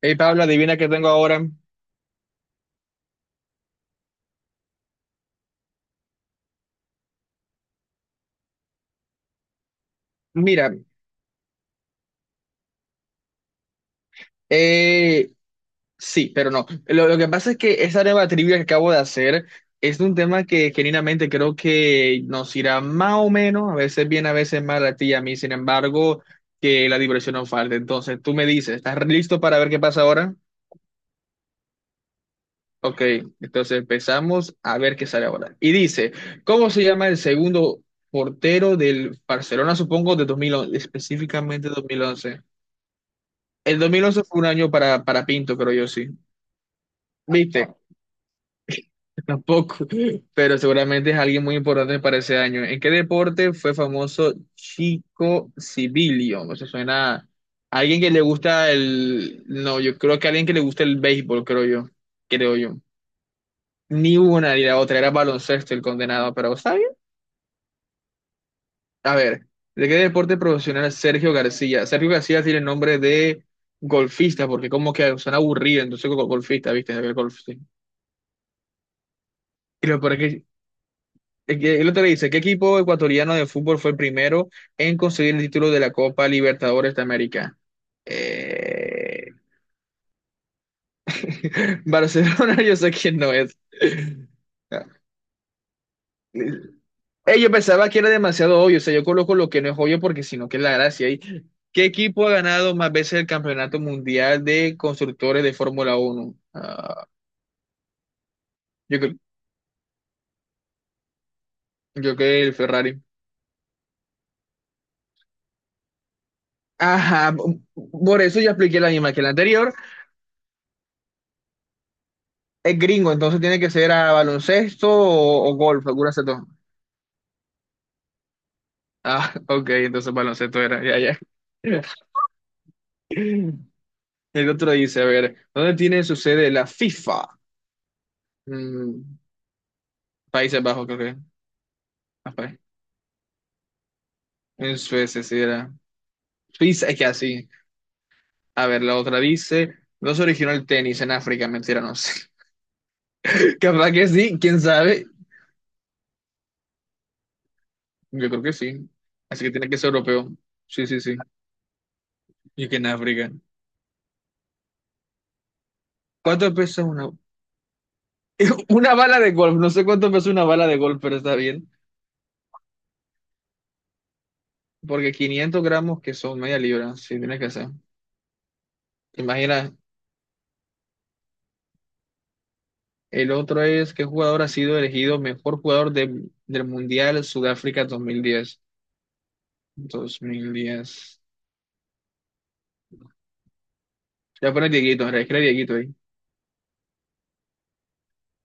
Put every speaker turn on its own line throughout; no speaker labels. Hey Pablo, adivina qué tengo ahora. Mira, eh, sí, pero no. Lo que pasa es que esa nueva trivia que acabo de hacer es un tema que genuinamente creo que nos irá más o menos, a veces bien, a veces mal a ti y a mí. Sin embargo, que la diversión no falte. Entonces, tú me dices, ¿estás listo para ver qué pasa ahora? Ok, entonces empezamos a ver qué sale ahora. Y dice, ¿cómo se llama el segundo portero del Barcelona, supongo, de 2011, específicamente 2011? El 2011 fue un año para Pinto, creo yo, sí. ¿Viste? Tampoco, pero seguramente es alguien muy importante para ese año. ¿En qué deporte fue famoso Chico Civilio? No se suena a alguien que le gusta el... No, yo creo que alguien que le gusta el béisbol, creo yo. Creo yo. Ni una ni la otra, era baloncesto el condenado, pero ¿está bien? A ver, ¿de qué deporte profesional es Sergio García? Sergio García tiene nombre de golfista, porque como que suena aburrido, entonces golfista, ¿viste? El golf, sí. Y lo peor es que el otro le dice, ¿qué equipo ecuatoriano de fútbol fue el primero en conseguir el título de la Copa Libertadores de América? Eh, Barcelona, yo sé quién no es. Yo pensaba que era demasiado obvio, o sea, yo coloco lo que no es obvio porque si no, que es la gracia ahí. ¿Qué equipo ha ganado más veces el Campeonato Mundial de Constructores de Fórmula Uno? Ah, yo, creo- yo creo que el Ferrari. Ajá, por eso ya expliqué la misma que la anterior. Es gringo, entonces tiene que ser a baloncesto o golf, alguna se toma. Ah, ok, entonces baloncesto era, ya, ya. El otro dice, a ver, ¿dónde tiene su sede la FIFA? Mm, Países Bajos, creo que. Ah, en Suecia, sí era. Suiza, es que así. A ver, la otra dice, ¿no se originó el tenis en África? Mentira, no sé. Capaz que sí, quién sabe. Yo creo que sí. Así que tiene que ser europeo. Sí, sí, sí. Y que en África. ¿Cuánto pesa una? Una bala de golf, no sé cuánto pesa una bala de golf, pero está bien. Porque 500 gramos, que son media libra, sí, tiene que ser. Imagina, el otro es qué jugador ha sido elegido mejor jugador del Mundial Sudáfrica dos mil diez. Ya pone Dieguito, en realidad, escribe Dieguito ahí.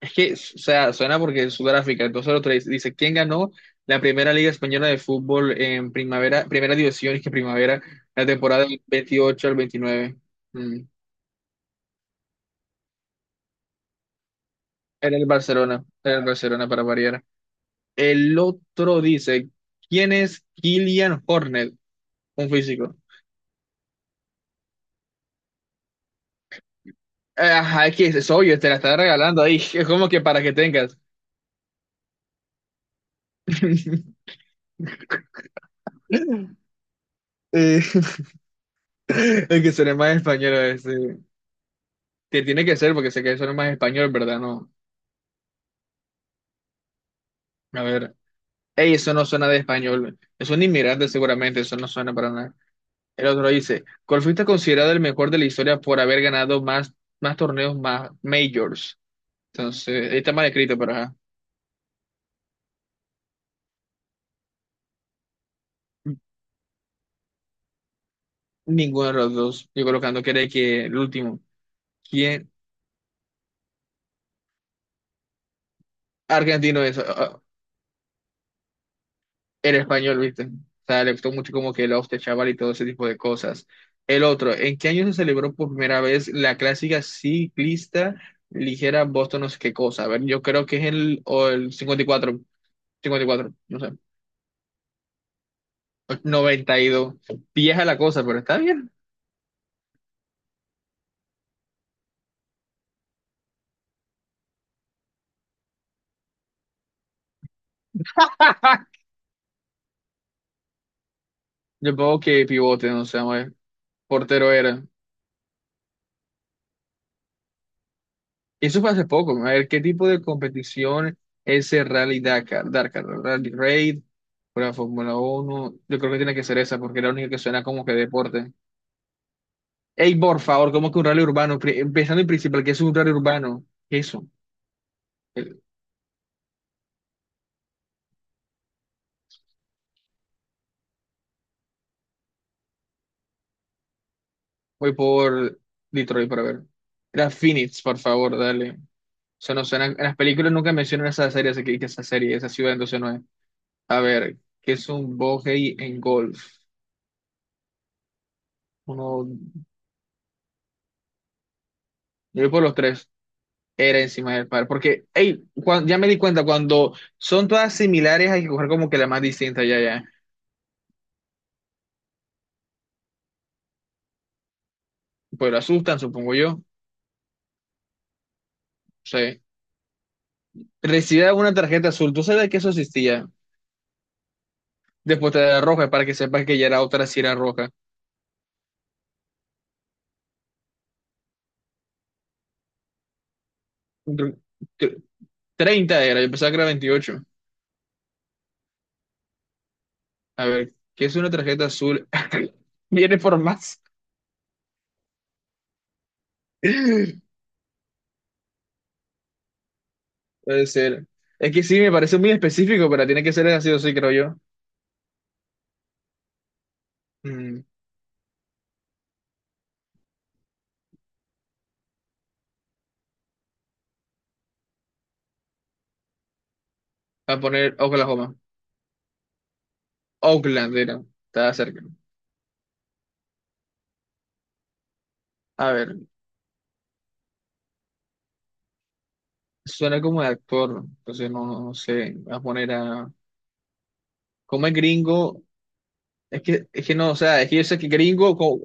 Es que, o sea, suena porque es Sudáfrica, entonces el otro dice, ¿quién ganó la primera Liga Española de Fútbol en primavera, primera división, es que primavera, la temporada del 28 al 29? Mm. En el Barcelona para variar. El otro dice, ¿quién es Killian Hornet? Un físico. Ajá, es que es obvio, te la está regalando ahí. Es como que para que tengas. Eh, el que suene más español es, que tiene que ser porque sé que suena más español, ¿verdad? No. A ver. Ey, eso no suena de español. Es un inmigrante seguramente, eso no suena para nada. El otro dice, ¿cuál fuiste considerado el mejor de la historia por haber ganado más torneos, más majors? Entonces, ahí está mal escrito, pero ajá. Ninguno de los dos. Yo colocando que no que el último. ¿Quién? Argentino es. Ah, ah, era español, ¿viste? O sea, le gustó mucho como que el hostia chaval y todo ese tipo de cosas. El otro, ¿en qué año se celebró por primera vez la clásica ciclista ligera Boston no sé qué cosa? A ver, yo creo que es el, o el 54, 54, no sé, 92. Vieja la cosa, pero está bien. Yo pongo que pivote, no sé, vamos a ver. Portero era. Eso fue hace poco, ¿no? A ver, ¿qué tipo de competición es el Rally Dakar? Dakar, Rally Raid, la Fórmula Uno. Yo creo que tiene que ser esa porque es la única que suena como que deporte. Ey, por favor, ¿cómo que un rally urbano? Empezando en principal, ¿qué es un rally urbano? ¿Qué es eso? Eh, Voy por Detroit para ver. Era Phoenix, por favor, dale. Eso no suena. En las películas nunca mencionan esa serie, así que esa serie, esa ciudad, entonces no es. A ver, ¿qué es un bogey en golf? Uno, yo voy por los tres. Era encima del par. Porque, hey, ya me di cuenta, cuando son todas similares hay que coger como que la más distinta, ya, ya. Pues lo asustan, supongo yo. Sí. Recibía una tarjeta azul. ¿Tú sabes que eso existía? Después te da roja para que sepas que ya era otra si era roja. Tr- tr- 30 era, yo pensaba que era 28. A ver, ¿qué es una tarjeta azul? Viene por más. Puede ser. Es que sí, me parece muy específico, pero tiene que ser así o sí, creo yo. Mm, a poner Oklahoma. Oakland era. Estaba cerca. A ver, suena como de actor, entonces no, no sé, voy a poner a... Como es gringo, es que no, o sea, es que yo sé que gringo,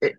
eh,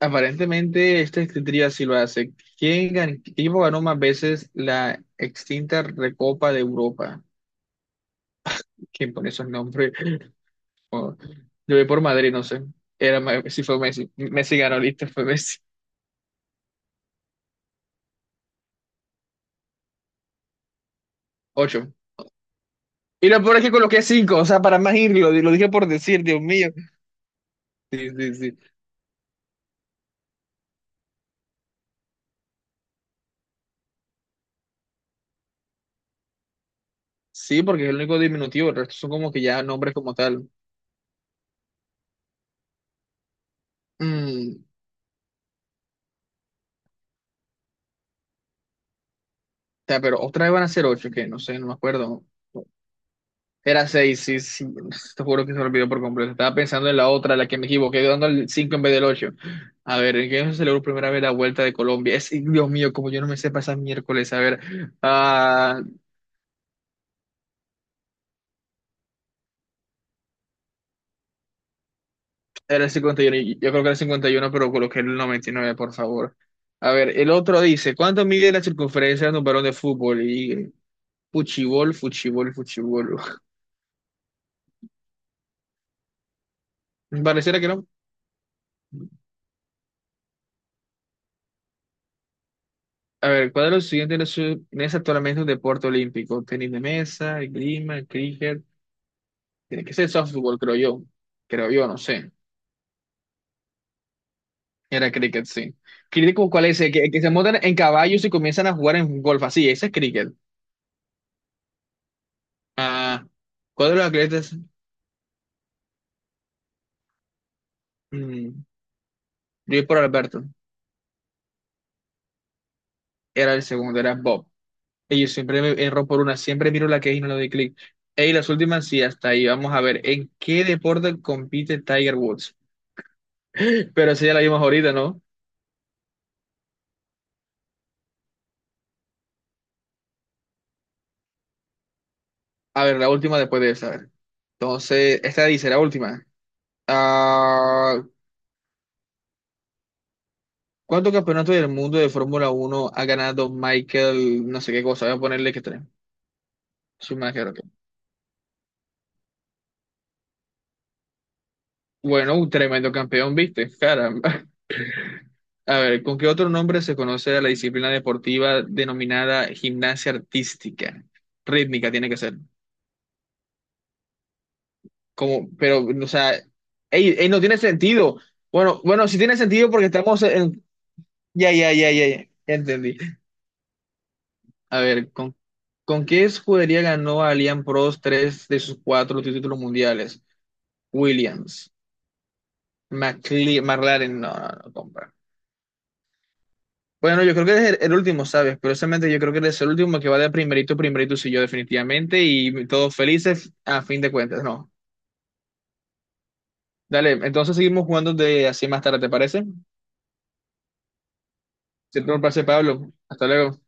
aparentemente esta escritura sí lo hace. ¿Quién qué equipo ganó más veces la extinta Recopa de Europa? ¿Quién pone esos nombres? O- Yo voy por Madrid, no sé. Era, sí fue Messi. Messi ganó, listo, fue Messi. Ocho. Y lo peor es que coloqué cinco, o sea, para más irlo, lo dije por decir, Dios mío. Sí, sí, sí. Sí, porque es el único diminutivo, el resto son como que ya nombres como tal. Mm, pero otra vez van a ser ocho, que no sé, no me acuerdo. Era seis, sí, sí, te juro que se me olvidó por completo. Estaba pensando en la otra, la que me equivoqué, dando el cinco en vez del ocho. A ver, ¿en qué se celebró por primera vez la Vuelta de Colombia? Es, Dios mío, como yo no me sé pasar miércoles, a ver. Ah, era el 51, uno, yo creo que era el 51, pero coloqué el 99, por favor. A ver, el otro dice, ¿cuánto mide la circunferencia de un balón de fútbol? Fuchibol, fuchibol, fuchibol. Pareciera que no. A ver, ¿cuál de los siguientes no es actualmente un deporte olímpico? Tenis de mesa, esgrima, cricket. Tiene que ser softball, creo yo. Creo yo, no sé. Era cricket, sí. ¿Cricket como cuál es? El que se montan en caballos y comienzan a jugar en golf. Así, ese es cricket. Ah, ¿cuál de los atletas? Mm, yo voy por Alberto. Era el segundo, era Bob. Y yo siempre me erro por una, siempre miro la que es y no le doy clic. Y las últimas sí, hasta ahí. Vamos a ver, ¿en qué deporte compite Tiger Woods? Pero esa ya la vimos ahorita, ¿no? A ver, la última después de esa, a ver. Entonces, esta dice, la última. Ah, ¿cuántos campeonatos del mundo de Fórmula Uno ha ganado Michael, no sé qué cosa? Voy a ponerle que tres. Schumacher, ok. Bueno, un tremendo campeón, ¿viste? Caramba. A ver, ¿con qué otro nombre se conoce a la disciplina deportiva denominada gimnasia artística? Rítmica tiene que ser. Como, pero, o sea, ey, ey, no tiene sentido. Bueno, bueno, sí tiene sentido porque estamos en... Ya, ya, ya, ya, ya, ya entendí. A ver, ¿con qué escudería ganó Allianz Prost tres de sus cuatro títulos mundiales? Williams, McLaren, no, no, no, compra. Bueno, yo creo que eres el último, ¿sabes? Curiosamente, yo creo que eres el último que va de primerito, primerito, sí, yo definitivamente, y todos felices a fin de cuentas, ¿no? Dale, entonces seguimos jugando de así más tarde, ¿te parece? Siempre un placer, Pablo. Hasta luego.